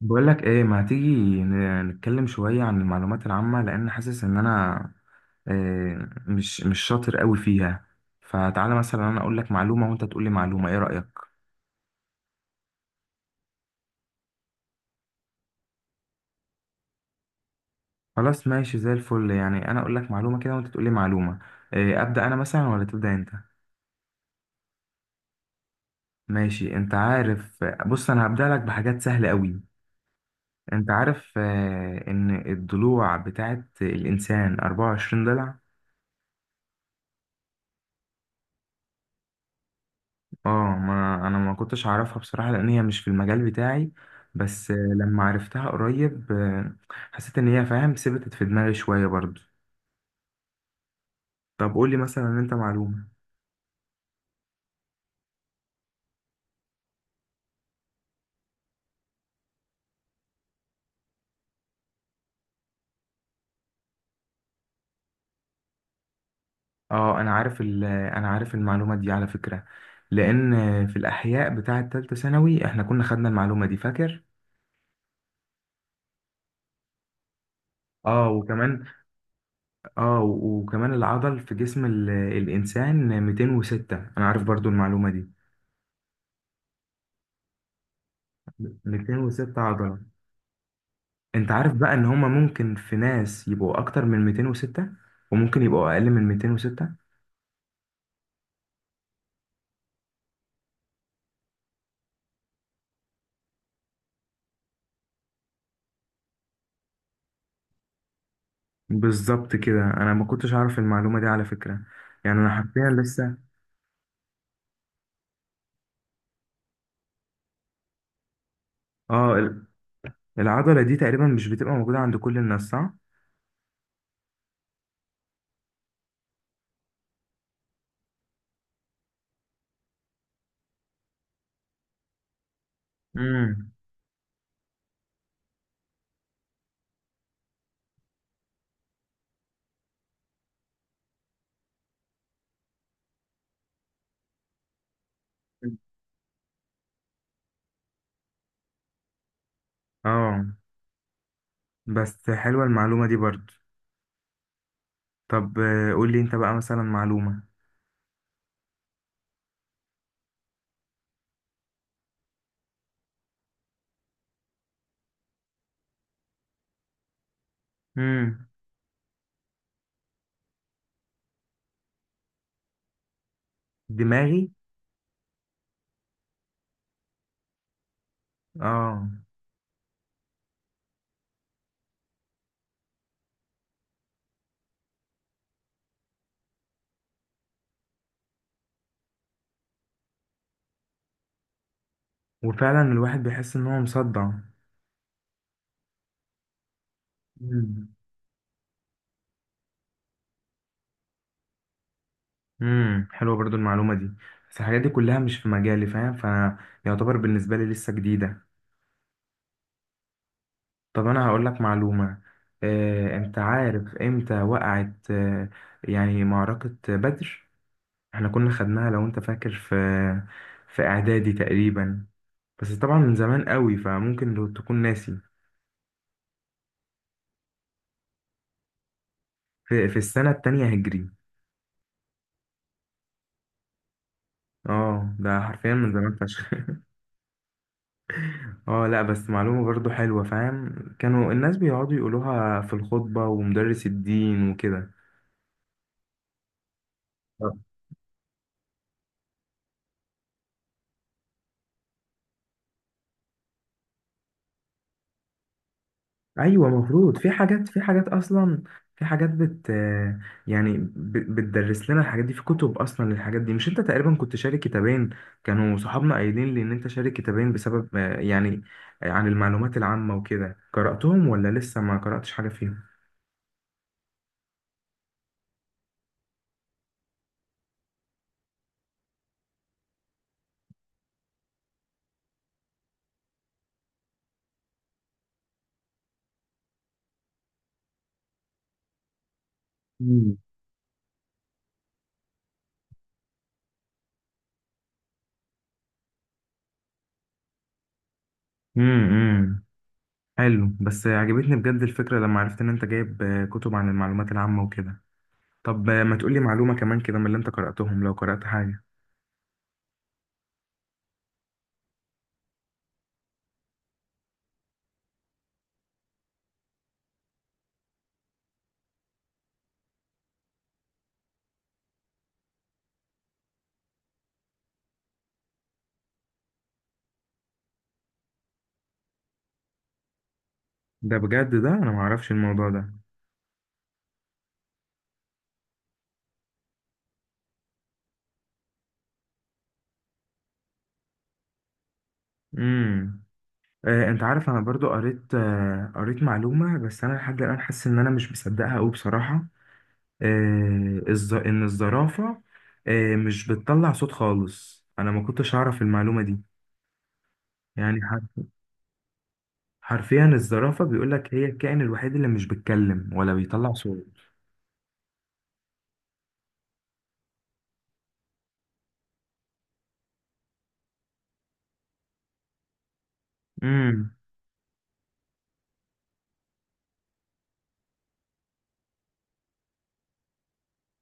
بقول لك ايه؟ ما تيجي نتكلم شوية عن المعلومات العامة لان حاسس ان انا مش شاطر قوي فيها. فتعالى مثلا انا اقول لك معلومة وانت تقول لي معلومة، ايه رأيك؟ خلاص ماشي زي الفل. يعني انا اقول لك معلومة كده وانت تقول لي معلومة. ابدأ انا مثلا ولا تبدأ انت. ماشي. انت عارف، بص انا هبدأ لك بحاجات سهلة قوي. انت عارف ان الضلوع بتاعت الانسان 24 ضلع. اه ما انا ما كنتش اعرفها بصراحة، لان هي مش في المجال بتاعي. بس لما عرفتها قريب، حسيت ان هي فاهم ثبتت في دماغي شوية برضو. طب قول لي مثلا انت معلومة. اه انا عارف، انا عارف المعلومة دي على فكرة. لان في الاحياء بتاعة تالتة ثانوي احنا كنا خدنا المعلومة دي، فاكر؟ اه وكمان، وكمان العضل في جسم الانسان 206. انا عارف برضو المعلومة دي. 206 عضلة. انت عارف بقى ان هما ممكن في ناس يبقوا اكتر من 206 وممكن يبقوا اقل من 206. بالظبط كده، انا ما كنتش اعرف المعلومة دي على فكرة. يعني انا حرفيا لسه. اه ال- العضلة دي تقريبا مش بتبقى موجودة عند كل الناس، صح؟ امم. اه بس حلوة المعلومة دي برضو. طب قول لي انت بقى مثلا معلومة. امم. دماغي؟ اه. وفعلا الواحد بيحس ان هو مصدع. امم، حلوه برضو المعلومه دي. بس الحاجات دي كلها مش في مجالي، فاهم؟ فيعتبر بالنسبه لي لسه جديده. طب انا هقول لك معلومه. انت عارف امتى وقعت، يعني معركه بدر؟ احنا كنا خدناها لو انت فاكر في، في اعدادي تقريبا. بس طبعا من زمان قوي، فممكن لو تكون ناسي. في، في السنه التانية هجري. اه ده حرفيا من زمان فشخ. اه لا بس معلومة برضو حلوة، فاهم؟ كانوا الناس بيقعدوا يقولوها في الخطبة ومدرس الدين وكده. آه. ايوه، مفروض في حاجات، في حاجات اصلا، في حاجات بت، يعني بتدرس لنا الحاجات دي في كتب اصلا للحاجات دي. مش انت تقريبا كنت شارك كتابين، كانوا صحابنا قايلين لي ان انت شارك كتابين بسبب يعني، عن المعلومات العامة وكده؟ قرأتهم ولا لسه ما قرأتش حاجة فيهم؟ مم. امم، حلو. بس عجبتني بجد الفكرة لما عرفت ان انت جايب كتب عن المعلومات العامة وكده. طب ما تقولي معلومة كمان كده من اللي انت قرأتهم، لو قرأت حاجة. ده بجد، ده انا معرفش الموضوع ده. امم. آه، انت عارف انا برضو قريت، آه قريت معلومة بس انا لحد الآن حاسس ان انا مش مصدقها قوي بصراحة. آه ان الزرافة، آه، مش بتطلع صوت خالص. انا ما كنتش اعرف المعلومة دي. يعني حرفيا الزرافة بيقولك هي الكائن الوحيد اللي مش بيتكلم ولا بيطلع صوت. امم.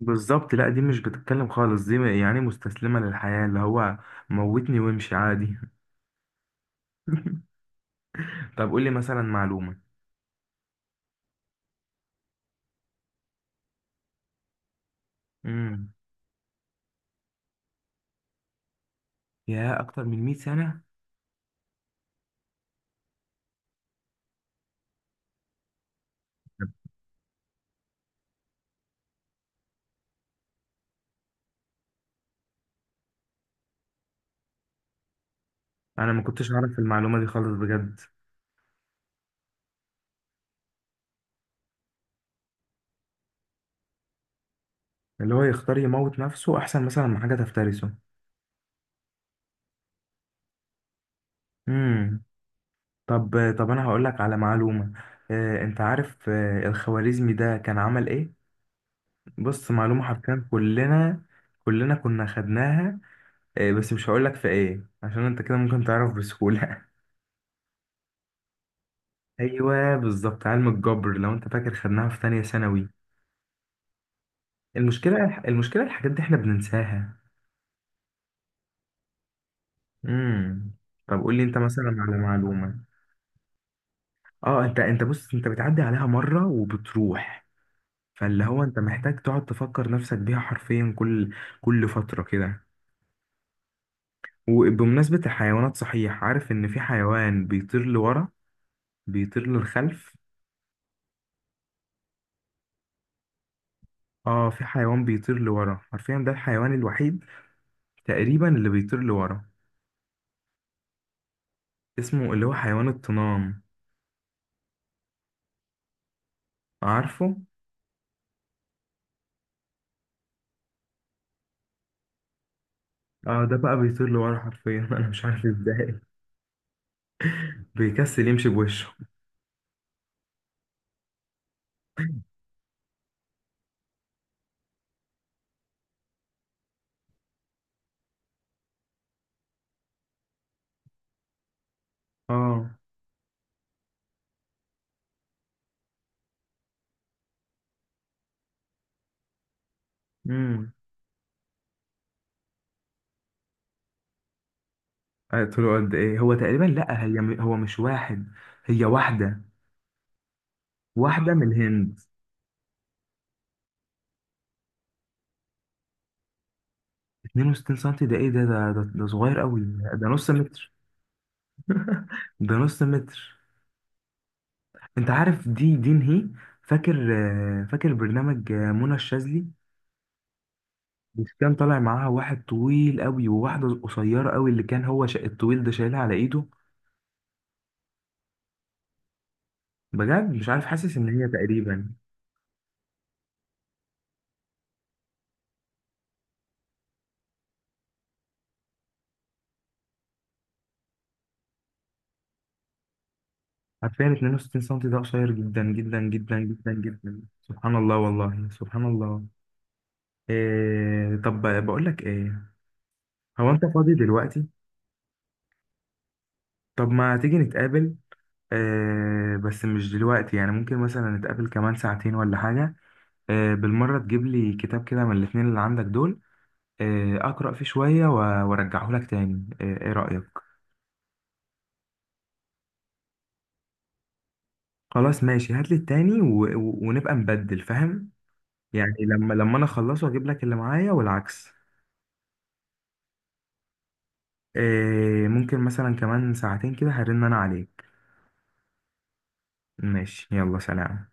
بالظبط، لا دي مش بتتكلم خالص دي. يعني مستسلمة للحياة، اللي هو موتني وامشي عادي. طب قول لي مثلا معلومة. امم. يا اكتر من 100 سنة؟ انا ما كنتش اعرف المعلومة دي خالص بجد. اللي هو يختار يموت نفسه احسن مثلا من حاجة تفترسه. امم. طب، طب انا هقول لك على معلومة. انت عارف الخوارزمي ده كان عمل ايه؟ بص معلومة حرفيا كلنا، كلنا كنا خدناها، بس مش هقول لك في ايه عشان انت كده ممكن تعرف بسهولة. ايوه بالظبط، علم الجبر. لو انت فاكر خدناها في تانية ثانوي. المشكله الحاجات دي احنا بننساها. امم. طب قول لي انت مثلا على معلومه. اه انت، انت بص، انت بتعدي عليها مره وبتروح. فاللي هو انت محتاج تقعد تفكر نفسك بيها حرفيا كل، كل فتره كده. وبمناسبه الحيوانات، صحيح عارف ان في حيوان بيطير لورا؟ بيطير للخلف. اه في حيوان بيطير لورا حرفيا، ده الحيوان الوحيد تقريبا اللي بيطير لورا. اسمه اللي هو حيوان الطنان، عارفه؟ اه ده بقى بيطير لورا حرفيا. انا مش عارف ازاي بيكسل يمشي بوشه. اه. امم. قلت له قد ايه؟ هو تقريبا، لا، هو مش واحد، هي واحده. واحده من الهند. 62 سنتي؟ ده ايه ده، ده صغير قوي. ده نص متر. ده نص متر. انت عارف دي، دي نهي؟ فاكر، فاكر برنامج، منى الشاذلي؟ مش كان طالع معاها واحد طويل قوي وواحده قصيره قوي، اللي كان هو الطويل ده شايلها على ايده؟ بجد مش عارف، حاسس ان هي تقريبا. حرفيا 62 سم ده قصير جدا جدا جدا جدا جدا. سبحان الله، والله سبحان الله. إيه، طب بقول لك ايه، هو انت فاضي دلوقتي؟ طب ما تيجي نتقابل. إيه بس مش دلوقتي يعني، ممكن مثلا نتقابل كمان ساعتين ولا حاجة. إيه بالمرة تجيب لي كتاب كده من الاتنين اللي عندك دول. إيه اقرأ فيه شوية وارجعه لك تاني، ايه، إيه رأيك؟ خلاص ماشي، هات لي التاني و... ونبقى نبدل، فاهم؟ يعني لما، لما انا اخلصه اجيب لك اللي معايا والعكس. إيه ممكن مثلا كمان ساعتين كده هرن انا عليك. ماشي، يلا سلام.